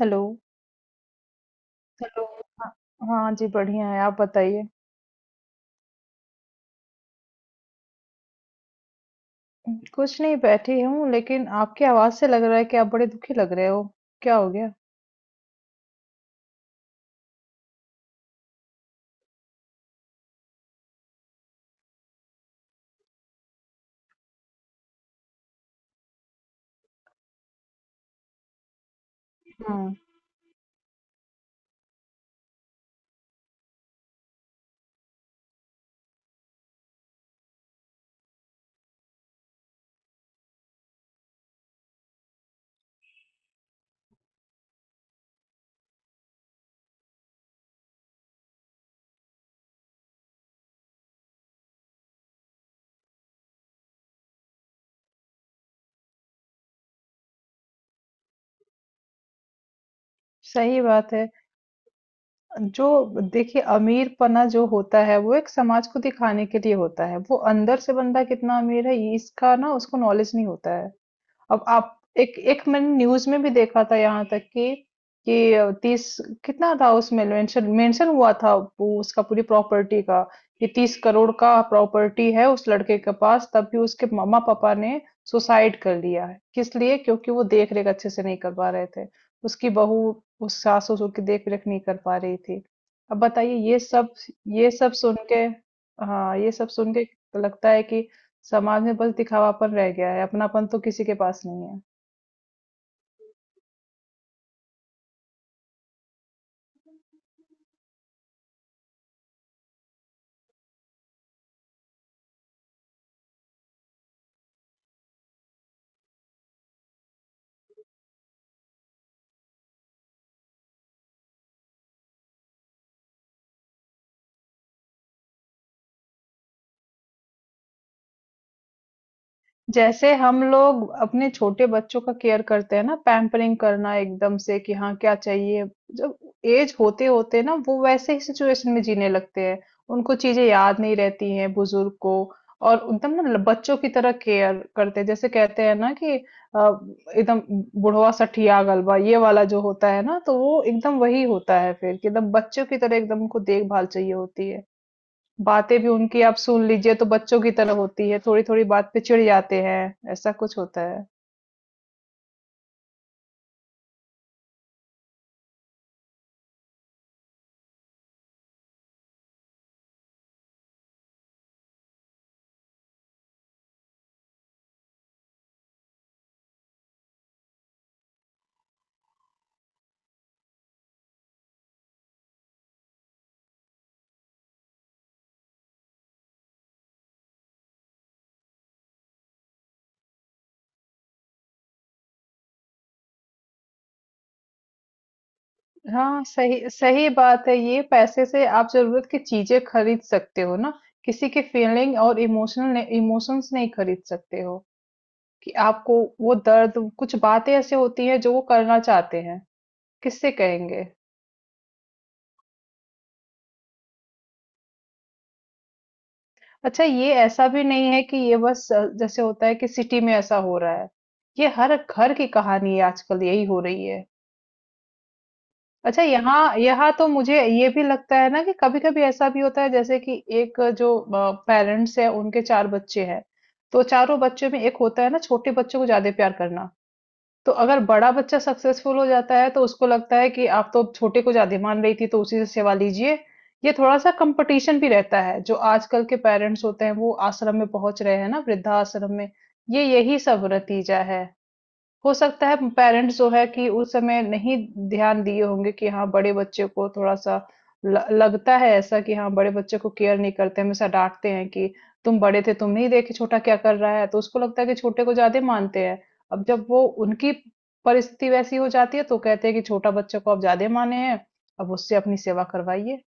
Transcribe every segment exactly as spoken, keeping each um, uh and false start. Hello. Hello. हाँ। हाँ जी, बढ़िया है, आप बताइए। कुछ नहीं, बैठी हूँ, लेकिन आपकी आवाज से लग रहा है कि आप बड़े दुखी लग रहे हो। क्या हो गया? हाँ, सही बात है। जो, देखिए, अमीरपना जो होता है वो एक समाज को दिखाने के लिए होता है। वो अंदर से बंदा कितना अमीर है ये इसका ना उसको नॉलेज नहीं होता है। अब आप, एक एक मैंने न्यूज़ में भी देखा था, यहाँ तक कि कि अ, तीस कितना था उसमें, मेंशन मेंशन हुआ था वो उसका पूरी प्रॉपर्टी का, कि तीस करोड़ का प्रॉपर्टी है उस लड़के के पास। तब भी उसके मम्मा पापा ने सुसाइड कर लिया है। किस लिए? क्योंकि वो देख रेख अच्छे से नहीं कर पा रहे थे। उसकी बहू उस सास ससुर की देख रेख नहीं कर पा रही थी। अब बताइए, ये सब, ये सब सुन के, हाँ, ये सब सुन के लगता है कि समाज में बस दिखावापन रह गया है, अपनापन तो किसी के पास नहीं है। जैसे हम लोग अपने छोटे बच्चों का केयर करते हैं ना, पैम्परिंग करना एकदम से कि हाँ, क्या चाहिए। जब एज होते-होते ना वो वैसे ही सिचुएशन में जीने लगते हैं। उनको चीज़ें याद नहीं रहती हैं, बुजुर्ग को। और एकदम ना ल बच्चों की तरह केयर करते हैं। जैसे कहते हैं ना कि अ, एकदम बुढ़वा सठिया गलबा ये वाला जो होता है ना, तो वो एकदम वही होता है फिर, कि एकदम बच्चों की तरह एकदम उनको देखभाल चाहिए होती है। बातें भी उनकी आप सुन लीजिए तो बच्चों की तरह होती है, थोड़ी थोड़ी बात पे चिढ़ जाते हैं। ऐसा कुछ होता है। हाँ, सही सही बात है। ये पैसे से आप जरूरत की चीजें खरीद सकते हो ना, किसी की फीलिंग और इमोशनल इमोशंस नहीं खरीद सकते हो। कि आपको वो दर्द, कुछ बातें ऐसे होती हैं जो वो करना चाहते हैं, किससे कहेंगे? अच्छा, ये ऐसा भी नहीं है कि ये बस अ, जैसे होता है कि सिटी में ऐसा हो रहा है। ये हर घर की कहानी है, आजकल यही हो रही है। अच्छा, यहाँ यहाँ तो मुझे ये भी लगता है ना कि कभी कभी ऐसा भी होता है, जैसे कि एक जो पेरेंट्स है, उनके चार बच्चे हैं। तो चारों बच्चों में एक होता है ना, छोटे बच्चों को ज्यादा प्यार करना। तो अगर बड़ा बच्चा सक्सेसफुल हो जाता है, तो उसको लगता है कि आप तो छोटे को ज्यादा मान रही थी, तो उसी से सेवा लीजिए। ये थोड़ा सा कंपटीशन भी रहता है। जो आजकल के पेरेंट्स होते हैं, वो आश्रम में पहुंच रहे हैं ना, वृद्धाश्रम में। ये यही सब नतीजा है। हो सकता है पेरेंट्स जो है कि उस समय नहीं ध्यान दिए होंगे कि हाँ, बड़े बच्चे को थोड़ा-सा ल लगता है ऐसा कि हाँ, बड़े बच्चे को केयर नहीं करते, हमेशा डाँटते हैं कि तुम बड़े थे, तुम नहीं देखे छोटा क्या कर रहा है, तो उसको लगता है कि छोटे को ज़्यादा मानते हैं। अब जब वो उनकी परिस्थिति वैसी हो जाती है, तो कहते हैं कि छोटा बच्चे को आप ज़्यादा माने हैं, अब उससे अपनी सेवा करवाइए।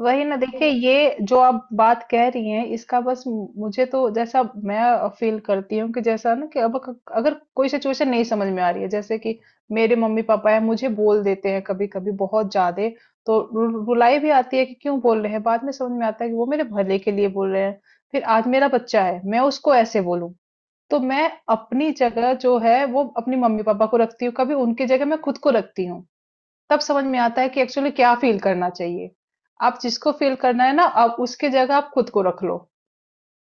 वही ना, देखिए, ये जो आप बात कह रही हैं, इसका बस मु- मुझे तो जैसा मैं फील करती हूँ, कि जैसा ना कि अब अग- अगर कोई सिचुएशन नहीं समझ में आ रही है, जैसे कि मेरे मम्मी पापा है, मुझे बोल देते हैं कभी कभी बहुत ज्यादा, तो रु- रुलाई भी आती है कि क्यों बोल रहे हैं, बाद में समझ में आता है कि वो मेरे भले के लिए बोल रहे हैं। फिर आज मेरा बच्चा है, मैं उसको ऐसे बोलूं, तो मैं अपनी जगह जो है वो अपनी मम्मी पापा को रखती हूँ, कभी उनकी जगह मैं खुद को रखती हूँ। तब समझ में आता है कि एक्चुअली क्या फील करना चाहिए। आप जिसको फील करना है ना, आप उसके जगह आप खुद को रख लो,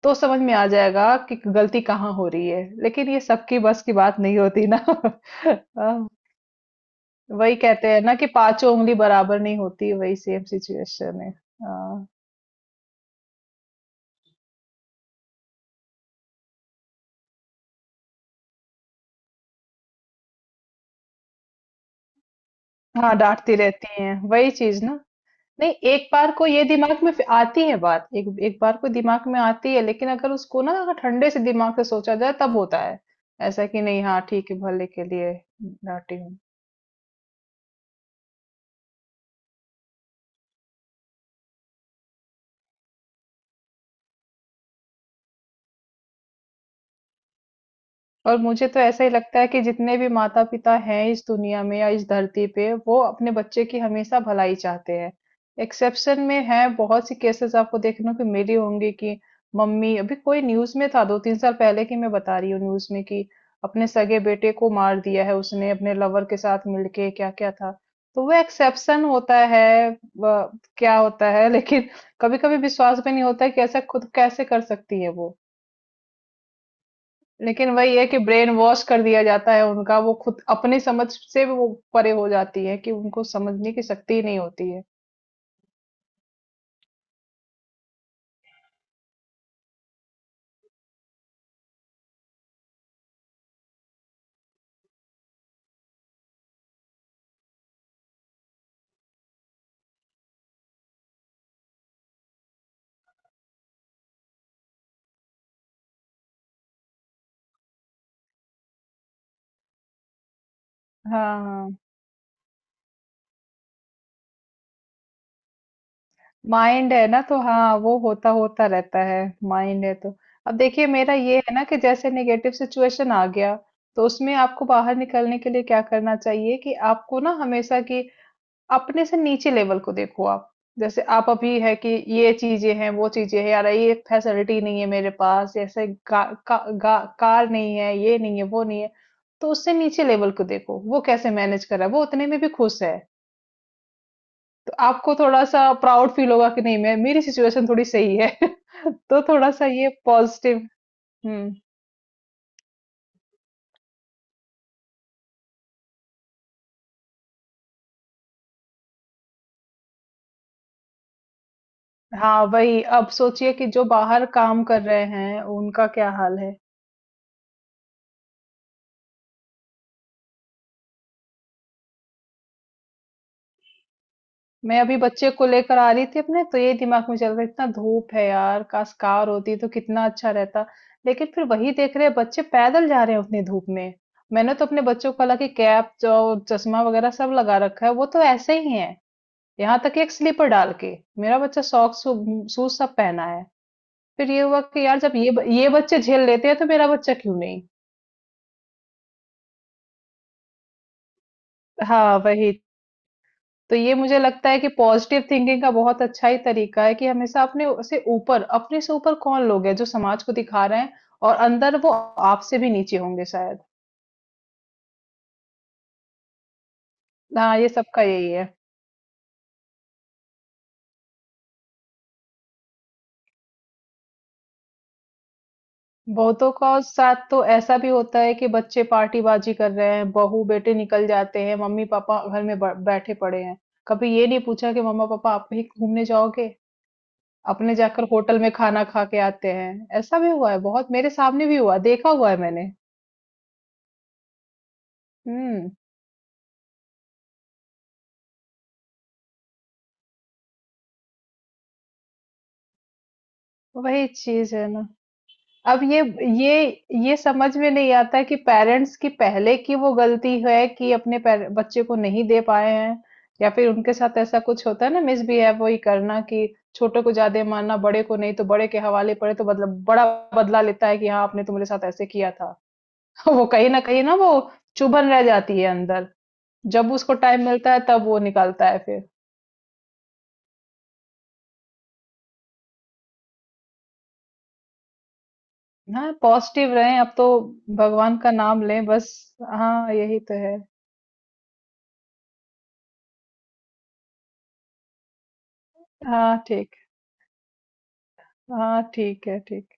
तो समझ में आ जाएगा कि गलती कहाँ हो रही है। लेकिन ये सबकी बस की बात नहीं होती ना। अ, वही कहते हैं ना कि पाँचों उँगली बराबर नहीं होती, वही सेम सिचुएशन है। अ, हाँ, डाँटती रहती हैं, वही चीज़ ना। नहीं, एक बार को ये दिमाग में फिर आती है बात, एक एक बार को दिमाग में आती है, लेकिन अगर उसको ना, अगर ठंडे से दिमाग से सोचा जाए, तब होता है ऐसा कि नहीं, हाँ, ठीक है, भले के लिए डांटी हूँ। और मुझे तो ऐसा ही लगता है कि जितने भी माता पिता हैं इस दुनिया में या इस धरती पे, वो अपने बच्चे की हमेशा भलाई चाहते हैं। एक्सेप्शन में है, बहुत सी केसेस आपको देखने को मिली होंगी कि मम्मी, अभी कोई न्यूज में था दो तीन साल पहले की मैं बता रही हूँ, न्यूज में कि अपने सगे बेटे को मार दिया है उसने अपने लवर के साथ मिलके, क्या क्या था। तो वो एक्सेप्शन होता है। वह क्या होता है, लेकिन कभी कभी विश्वास भी नहीं होता है कि ऐसा खुद कैसे कर सकती है वो। लेकिन वही है कि ब्रेन वॉश कर दिया जाता है उनका, वो खुद अपनी समझ से भी वो परे हो जाती है कि उनको समझने की शक्ति ही नहीं होती है। हाँ, माइंड है ना तो, हाँ, वो होता होता रहता है। माइंड है तो। अब देखिए मेरा ये है ना, कि जैसे नेगेटिव सिचुएशन आ गया, तो उसमें आपको बाहर निकलने के लिए क्या करना चाहिए, कि आपको ना हमेशा की अपने से नीचे लेवल को देखो आप। जैसे आप अभी है कि ये चीजें हैं, वो चीजें हैं, यार ये फैसिलिटी नहीं है मेरे पास, ऐसे गा, का, गा, कार नहीं है, ये नहीं है, वो नहीं है। तो उससे नीचे लेवल को देखो, वो कैसे मैनेज कर रहा है, वो उतने में भी खुश है। तो आपको थोड़ा सा प्राउड फील होगा कि नहीं, मैं, मेरी सिचुएशन थोड़ी सही है। तो थोड़ा सा ये पॉजिटिव। हम्म। हाँ वही, अब सोचिए कि जो बाहर काम कर रहे हैं, उनका क्या हाल है। मैं अभी बच्चे को लेकर आ रही थी अपने, तो ये दिमाग में चल रहा, इतना धूप है यार, काश कार होती तो कितना अच्छा रहता। लेकिन फिर वही देख रहे हैं, बच्चे पैदल जा रहे हैं उतनी धूप में। मैंने तो अपने बच्चों को हालांकि कैप जो, चश्मा वगैरह सब लगा रखा है, वो तो ऐसे ही है। यहाँ तक कि एक स्लीपर डाल के मेरा बच्चा सॉक्स, शूज सब पहना है। फिर ये हुआ कि यार, जब ये ब- ये बच्चे झेल लेते हैं, तो मेरा बच्चा क्यों नहीं। हाँ वही। तो ये मुझे लगता है कि पॉजिटिव थिंकिंग का बहुत अच्छा ही तरीका है कि हमेशा अपने से ऊपर, अपने से ऊपर कौन लोग हैं जो समाज को दिखा रहे हैं, और अंदर वो आपसे भी नीचे होंगे शायद। हाँ, ये सबका यही है। बहुतों का साथ तो ऐसा भी होता है कि बच्चे पार्टीबाजी कर रहे हैं, बहू-बेटे निकल जाते हैं, मम्मी-पापा घर में ब बैठे पड़े हैं। कभी ये नहीं पूछा कि मम्मा-पापा आप कहीं घूमने जाओगे? अपने जाकर होटल में खाना खा के आते हैं। ऐसा भी हुआ है बहुत, मेरे सामने भी हुआ, देखा हुआ है मैंने। हुँ, वही चीज़ है ना। अब ये ये ये समझ में नहीं आता कि पेरेंट्स की पहले की वो गलती है कि अपने पैर- बच्चे को नहीं दे पाए हैं, या फिर उनके साथ ऐसा कुछ होता है ना, मिसबिहेव वही करना कि छोटे को ज्यादा मानना, बड़े को नहीं, तो बड़े के हवाले पड़े तो बदला, बड़ा बदला लेता है कि हाँ, आपने तो मेरे साथ ऐसे किया था। वो कहीं ना कहीं ना वो चुभन रह जाती है अंदर। जब उसको टाइम मिलता है तब वो निकालता है फिर। हाँ, पॉजिटिव रहें अब तो, भगवान का नाम लें बस। हाँ, यही तो है। हाँ, ठीक। हाँ, ठीक है, ठीक।